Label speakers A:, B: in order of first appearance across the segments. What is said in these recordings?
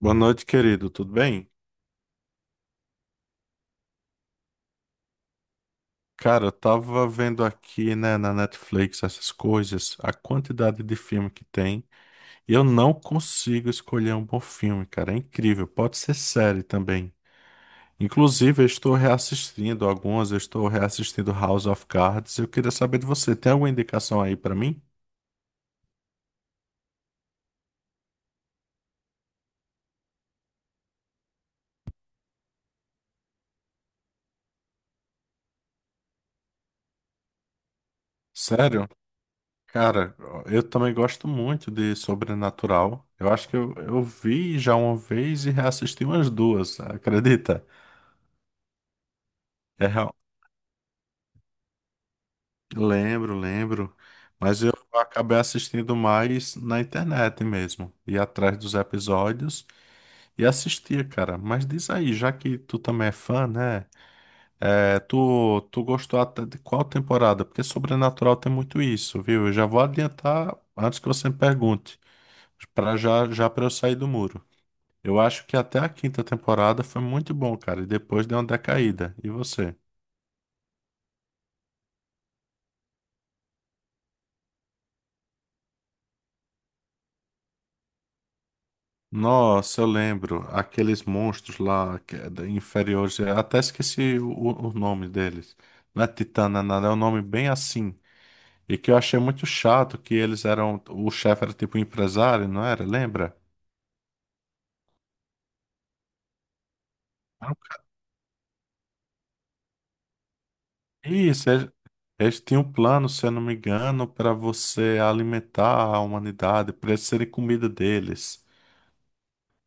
A: Boa noite, querido. Tudo bem? Cara, eu tava vendo aqui, né, na Netflix essas coisas, a quantidade de filme que tem, e eu não consigo escolher um bom filme, cara. É incrível. Pode ser série também. Inclusive, eu estou reassistindo algumas, eu estou reassistindo House of Cards. Eu queria saber de você, tem alguma indicação aí pra mim? Sério? Cara, eu também gosto muito de Sobrenatural. Eu acho que eu vi já uma vez e reassisti umas duas, acredita? É, lembro, lembro. Mas eu acabei assistindo mais na internet mesmo. Ia atrás dos episódios e assistia, cara. Mas diz aí, já que tu também é fã, né? É, tu gostou até de qual temporada? Porque Sobrenatural tem muito isso, viu? Eu já vou adiantar antes que você me pergunte, para já, já para eu sair do muro. Eu acho que até a quinta temporada foi muito bom, cara. E depois deu uma decaída. E você? Nossa, eu lembro. Aqueles monstros lá, que é inferiores. Eu até esqueci o nome deles. Não é Titana, nada. É um nome bem assim. E que eu achei muito chato, que eles eram... O chefe era tipo um empresário, não era? Lembra? Era um ca- Isso, eles tinham um plano, se eu não me engano, para você alimentar a humanidade, para eles serem comida deles.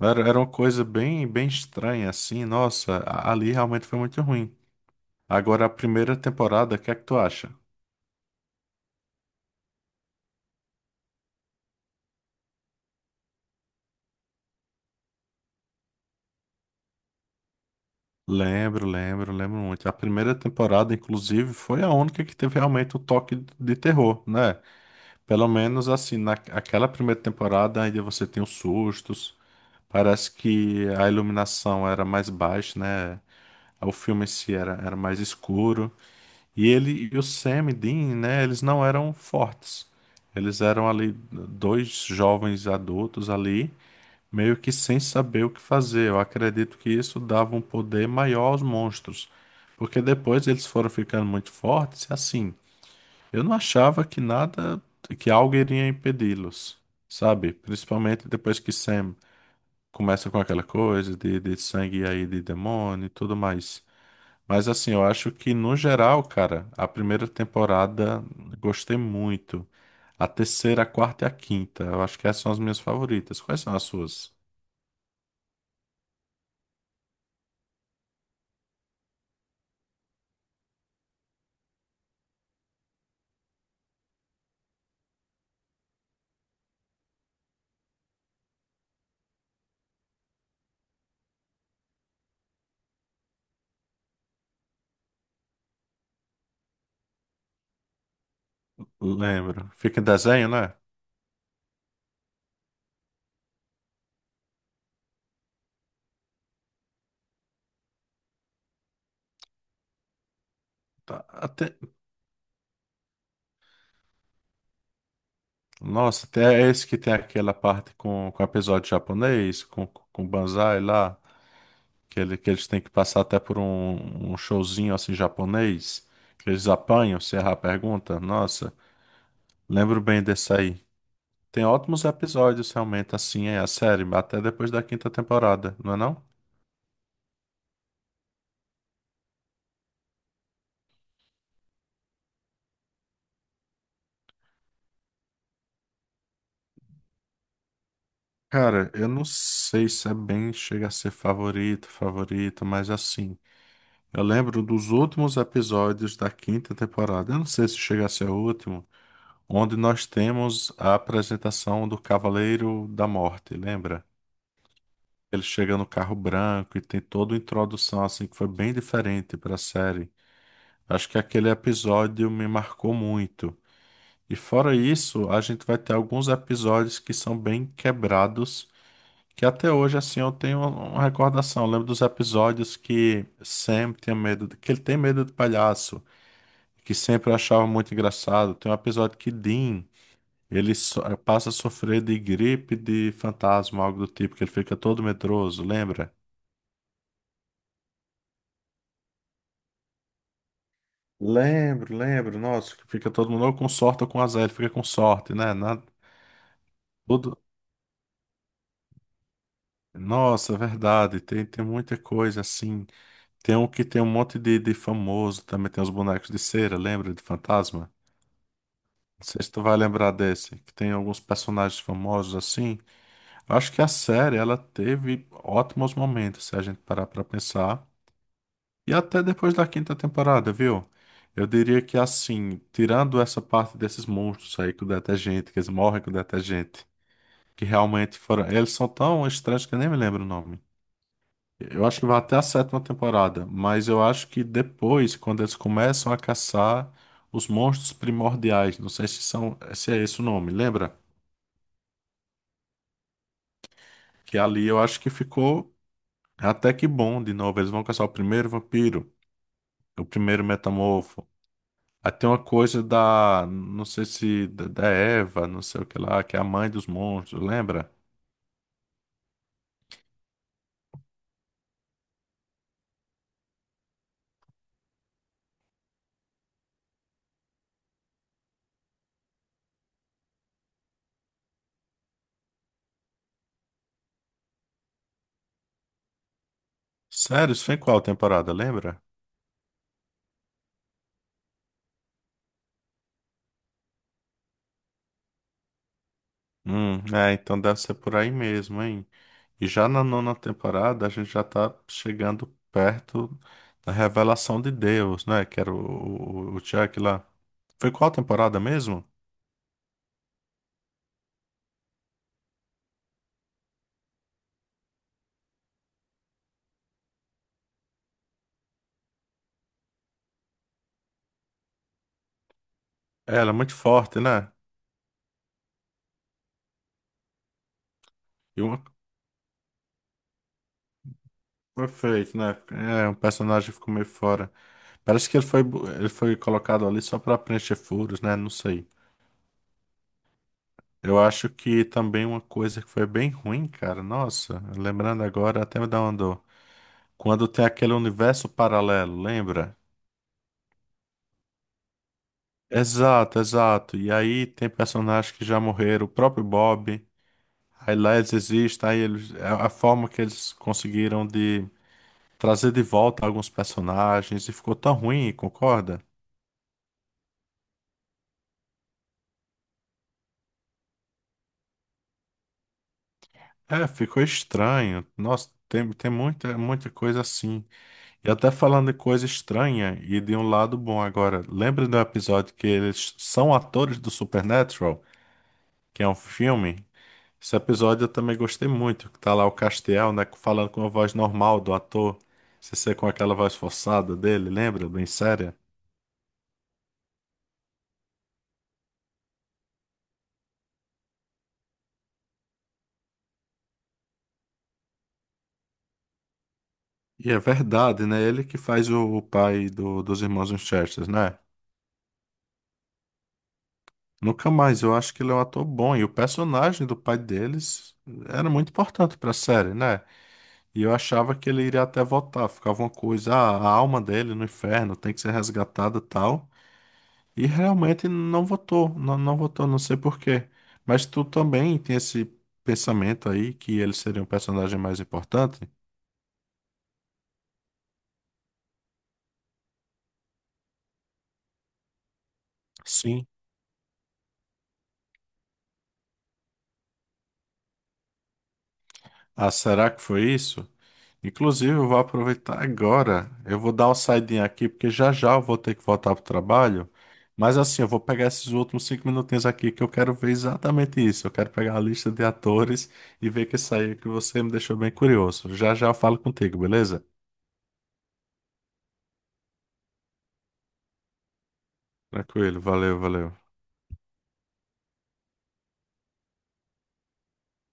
A: Era uma coisa bem, bem estranha, assim. Nossa, ali realmente foi muito ruim. Agora, a primeira temporada, o que é que tu acha? Lembro, lembro, lembro muito. A primeira temporada, inclusive, foi a única que teve realmente o toque de terror, né? Pelo menos assim, naquela primeira temporada ainda você tem os sustos. Parece que a iluminação era mais baixa, né? O filme em si era mais escuro. E ele e o Sam e Dean, né? Eles não eram fortes. Eles eram ali dois jovens adultos ali meio que sem saber o que fazer. Eu acredito que isso dava um poder maior aos monstros, porque depois eles foram ficando muito fortes e assim, eu não achava que nada, que algo iria impedi-los, sabe? Principalmente depois que Sam começa com aquela coisa de sangue aí de demônio e tudo mais. Mas assim, eu acho que no geral, cara, a primeira temporada gostei muito. A terceira, a quarta e a quinta. Eu acho que essas são as minhas favoritas. Quais são as suas? Lembro. Fica em desenho, né? Tá, até. Nossa, até é esse que tem aquela parte com episódio japonês, com o Banzai lá, que eles têm que passar até por um showzinho assim japonês, que eles apanham, se errar a pergunta. Nossa, lembro bem desse aí. Tem ótimos episódios realmente assim, é a série, até depois da quinta temporada, não é não? Cara, eu não sei se é bem, chega a ser favorito, favorito, mas assim. Eu lembro dos últimos episódios da quinta temporada, eu não sei se chega a ser o último, onde nós temos a apresentação do Cavaleiro da Morte, lembra? Ele chega no carro branco e tem toda uma introdução assim que foi bem diferente para a série. Acho que aquele episódio me marcou muito. E fora isso, a gente vai ter alguns episódios que são bem quebrados, que até hoje assim eu tenho uma recordação. Eu lembro dos episódios que Sam tinha medo, que ele tem medo de palhaço. Que sempre eu achava muito engraçado. Tem um episódio que Dean, ele passa a sofrer de gripe de fantasma, algo do tipo, que ele fica todo medroso, lembra? Lembro, lembro. Nossa, que fica todo mundo ou com sorte ou com azar, ele fica com sorte, né? Tudo... Nossa, é verdade. Tem muita coisa assim. Tem um que tem um monte de famoso, também tem os bonecos de cera, lembra de fantasma? Não sei se tu vai lembrar desse, que tem alguns personagens famosos assim. Eu acho que a série, ela teve ótimos momentos, se a gente parar pra pensar. E até depois da quinta temporada, viu? Eu diria que assim, tirando essa parte desses monstros aí com detergente, que eles morrem com detergente, que realmente foram. Eles são tão estranhos que eu nem me lembro o nome. Eu acho que vai até a sétima temporada, mas eu acho que depois, quando eles começam a caçar os monstros primordiais, não sei se são, se é esse o nome, lembra? Que ali eu acho que ficou. Até que bom, de novo, eles vão caçar o primeiro vampiro, o primeiro metamorfo. Aí tem uma coisa da, não sei se, da Eva, não sei o que lá, que é a mãe dos monstros, lembra? Sério, isso foi em qual temporada, lembra? É, então deve ser por aí mesmo, hein? E já na nona temporada, a gente já tá chegando perto da revelação de Deus, né? Que era o Chuck lá. Foi qual temporada mesmo? É, ela é muito forte, né? E uma... Perfeito, né? É, um personagem ficou meio fora. Parece que ele foi colocado ali só pra preencher furos, né? Não sei. Eu acho que também uma coisa que foi bem ruim, cara. Nossa, lembrando agora, até me dá uma dor. Quando tem aquele universo paralelo, lembra? Exato, exato. E aí tem personagens que já morreram, o próprio Bob. Aí lá eles existem, aí eles, a forma que eles conseguiram de trazer de volta alguns personagens e ficou tão ruim, concorda? É, ficou estranho. Nossa, tem muita, muita coisa assim. E até falando de coisa estranha e de um lado bom agora. Lembra do episódio que eles são atores do Supernatural, que é um filme? Esse episódio eu também gostei muito, que tá lá o Castiel, né, falando com a voz normal do ator, sem ser com aquela voz forçada dele, lembra? Bem séria. E é verdade, né? Ele que faz o pai dos irmãos Winchester, né? Nunca mais, eu acho que ele é um ator bom. E o personagem do pai deles era muito importante pra série, né? E eu achava que ele iria até voltar. Ficava uma coisa, ah, a alma dele no inferno tem que ser resgatada e tal. E realmente não votou, não, não votou, não sei por quê. Mas tu também tem esse pensamento aí que ele seria um personagem mais importante? Sim. Ah, será que foi isso? Inclusive, eu vou aproveitar agora. Eu vou dar uma saidinha aqui, porque já já eu vou ter que voltar pro trabalho. Mas assim, eu vou pegar esses últimos 5 minutinhos aqui que eu quero ver exatamente isso. Eu quero pegar a lista de atores e ver que isso aí que você me deixou bem curioso. Já já eu falo contigo, beleza? Tranquilo, valeu, valeu.